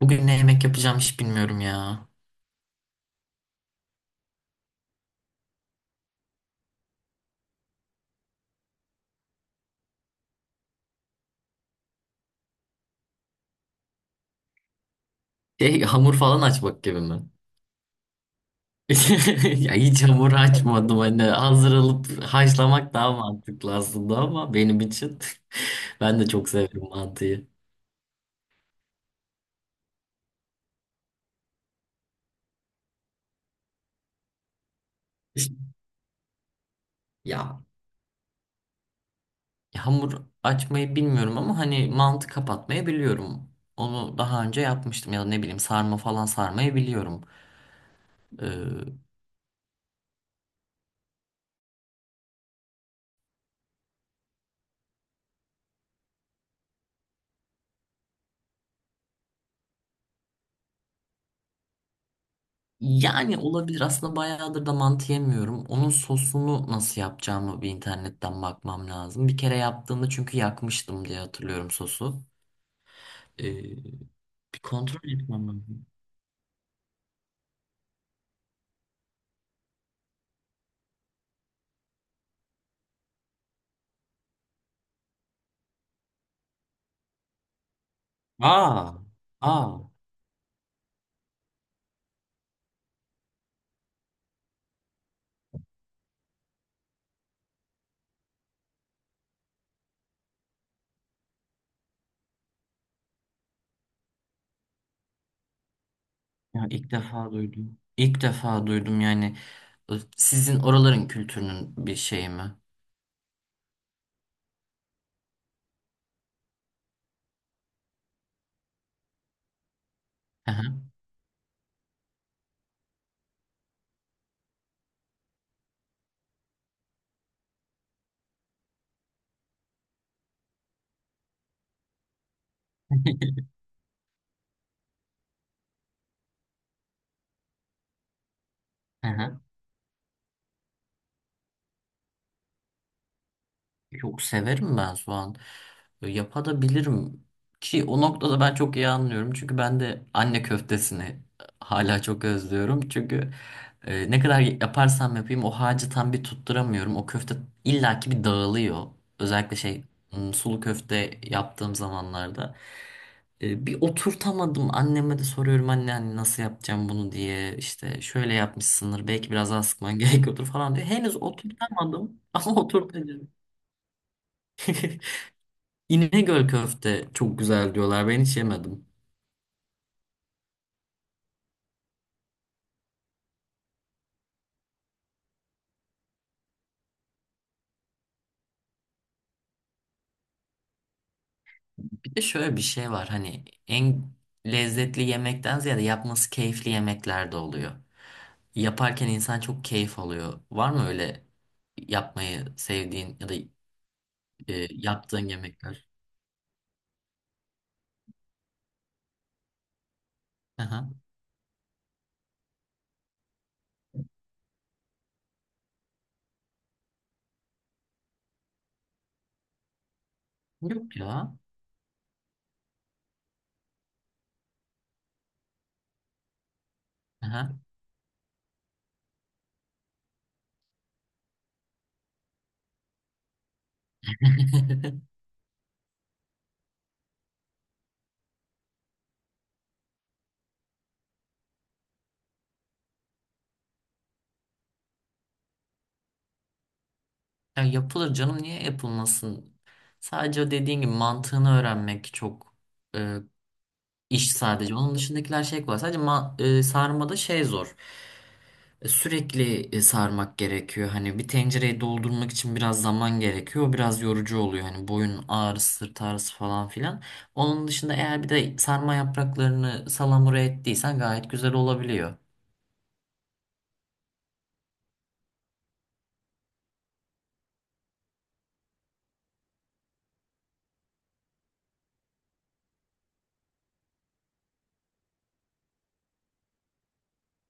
Bugün ne yemek yapacağım hiç bilmiyorum ya. Şey, hamur falan açmak gibi mi? Ya hiç hamur açmadım, hani hazır alıp haşlamak daha mantıklı aslında ama benim için ben de çok severim mantıyı. Ya hamur açmayı bilmiyorum ama hani mantı kapatmayı biliyorum. Onu daha önce yapmıştım ya da ne bileyim sarma falan, sarmayı biliyorum. Ee, Yani olabilir. Aslında bayağıdır da mantı yemiyorum. Onun sosunu nasıl yapacağımı bir internetten bakmam lazım. Bir kere yaptığımda çünkü yakmıştım diye hatırlıyorum sosu. Ee, Bir kontrol etmem lazım. Aa, aa. Ya ilk defa duydum. İlk defa duydum yani. Sizin oraların kültürünün bir şeyi mi? Hı hı. Hı hı. Yok, severim ben soğan. Yapabilirim ki o noktada ben çok iyi anlıyorum. Çünkü ben de anne köftesini hala çok özlüyorum. Çünkü ne kadar yaparsam yapayım o harcı tam bir tutturamıyorum. O köfte illaki bir dağılıyor. Özellikle sulu köfte yaptığım zamanlarda. Bir oturtamadım. Anneme de soruyorum, anne, anne nasıl yapacağım bunu diye. İşte şöyle yapmışsındır, belki biraz daha sıkman gerekiyordur falan diyor. Henüz oturtamadım ama oturtacağım. İnegöl köfte çok güzel diyorlar. Ben hiç yemedim. Bir de şöyle bir şey var. Hani en lezzetli yemekten ziyade yapması keyifli yemekler de oluyor. Yaparken insan çok keyif alıyor. Var mı öyle yapmayı sevdiğin ya da yaptığın yemekler? Aha. Yok ya. Aha. Ya yapılır canım, niye yapılmasın? Sadece o dediğin gibi mantığını öğrenmek çok e, iş sadece. Onun dışındakiler şey kolay. Sadece sarmada şey zor. Sürekli sarmak gerekiyor. Hani bir tencereyi doldurmak için biraz zaman gerekiyor. Biraz yorucu oluyor. Hani boyun ağrısı, sırt ağrısı falan filan. Onun dışında eğer bir de sarma yapraklarını salamura ettiysen gayet güzel olabiliyor.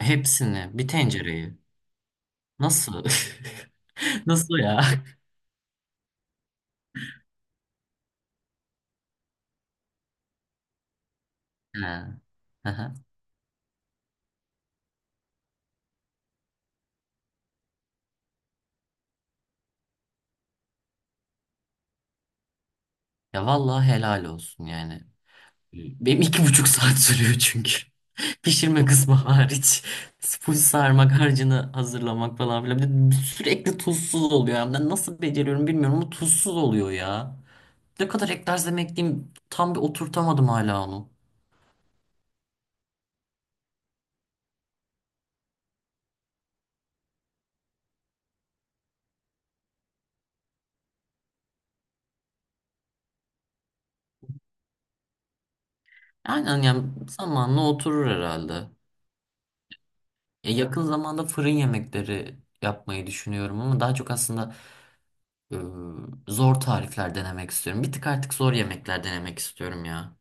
Hepsini, bir tencereyi. Nasıl? Nasıl ya? Ha, aha. Ya vallahi helal olsun yani. Benim iki buçuk saat sürüyor çünkü. Pişirme kısmı hariç. Full sarmak, harcını hazırlamak falan filan. Bir de sürekli tuzsuz oluyor. Yani ben nasıl beceriyorum bilmiyorum ama tuzsuz oluyor ya. Ne kadar eklersem ekleyeyim tam bir oturtamadım hala onu. Aynen, yani zamanla oturur herhalde. Ya yakın zamanda fırın yemekleri yapmayı düşünüyorum ama daha çok aslında e, zor tarifler denemek istiyorum. Bir tık artık zor yemekler denemek istiyorum ya.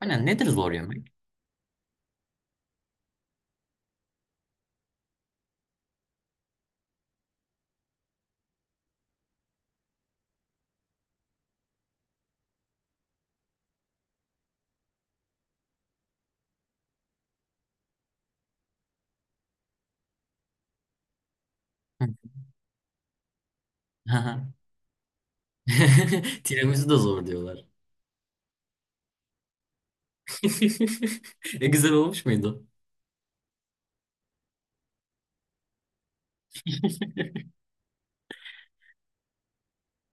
Aynen, nedir zor yemek? Hı. Tiramisu da zor diyorlar. E güzel olmuş muydu?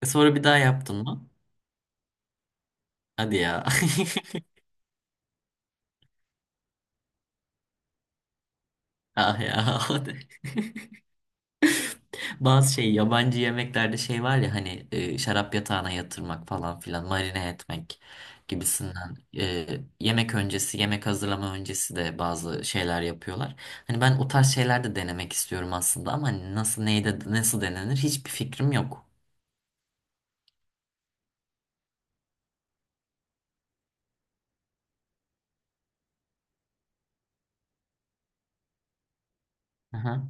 Sonra bir daha yaptın mı? Hadi ya. Ah ya. Bazı şey yabancı yemeklerde şey var ya, hani şarap yatağına yatırmak falan filan, marine etmek gibisinden. Yemek öncesi, yemek hazırlama öncesi de bazı şeyler yapıyorlar. Hani ben o tarz şeyler de denemek istiyorum aslında ama hani nasıl, neyde nasıl denenir hiçbir fikrim yok. Aha.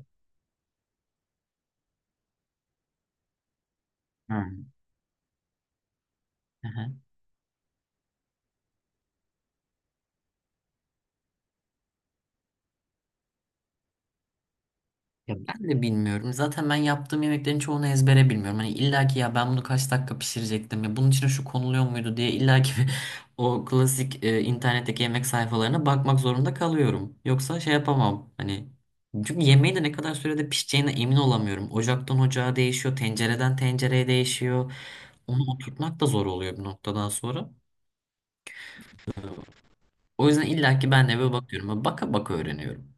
Hı. Ya ben de bilmiyorum. Zaten ben yaptığım yemeklerin çoğunu ezbere bilmiyorum. Hani illa ki ya ben bunu kaç dakika pişirecektim, ya bunun içine şu konuluyor muydu diye illa ki o klasik internetteki yemek sayfalarına bakmak zorunda kalıyorum. Yoksa şey yapamam. Hani çünkü yemeği de ne kadar sürede pişeceğine emin olamıyorum. Ocaktan ocağa değişiyor, tencereden tencereye değişiyor. Onu oturtmak da zor oluyor bir noktadan sonra. O yüzden illa ki ben de eve bakıyorum. Baka baka öğreniyorum.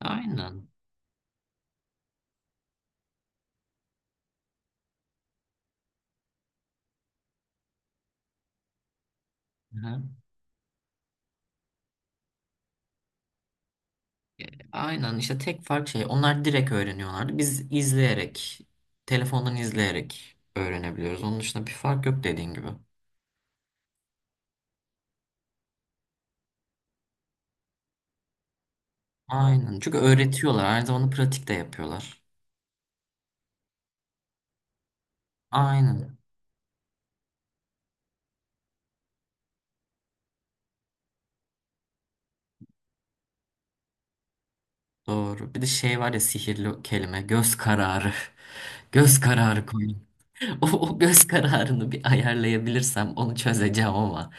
Aynen. Hı. Aynen işte, tek fark şey, onlar direkt öğreniyorlardı. Biz izleyerek, telefondan izleyerek öğrenebiliyoruz. Onun dışında bir fark yok, dediğin gibi. Aynen. Çünkü öğretiyorlar. Aynı zamanda pratik de yapıyorlar. Aynen. Doğru. Bir de şey var ya, sihirli kelime. Göz kararı. Göz kararı koyun. O, o göz kararını bir ayarlayabilirsem onu çözeceğim ama.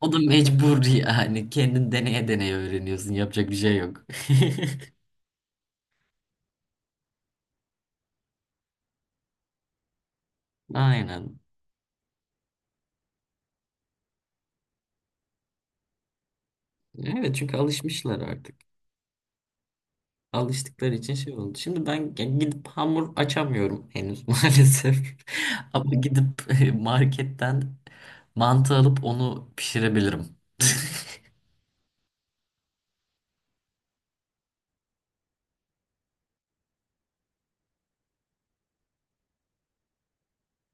O da mecbur yani. Kendin deneye deneye öğreniyorsun. Yapacak bir şey yok. Aynen. Evet, çünkü alışmışlar artık. Alıştıkları için şey oldu. Şimdi ben gidip hamur açamıyorum henüz maalesef. Ama gidip marketten mantı alıp onu pişirebilirim.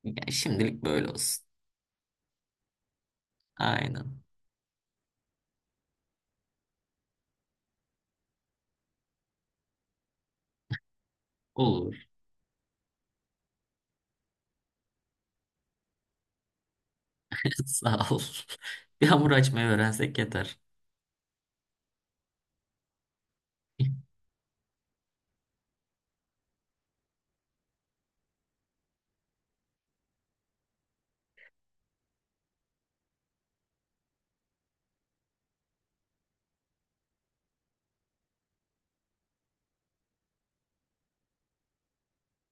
Ya şimdilik böyle olsun. Aynen. Olur. Sağ ol. Bir hamur açmayı öğrensek yeter.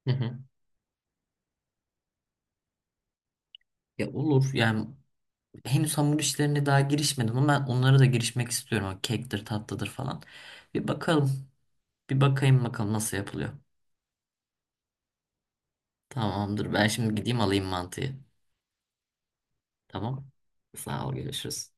Hı hı. Ya olur yani, henüz hamur işlerine daha girişmedim ama ben onlara da girişmek istiyorum. O kektir, tatlıdır falan. Bir bakalım. Bir bakayım bakalım nasıl yapılıyor. Tamamdır. Ben şimdi gideyim alayım mantıyı. Tamam. Sağ ol, görüşürüz.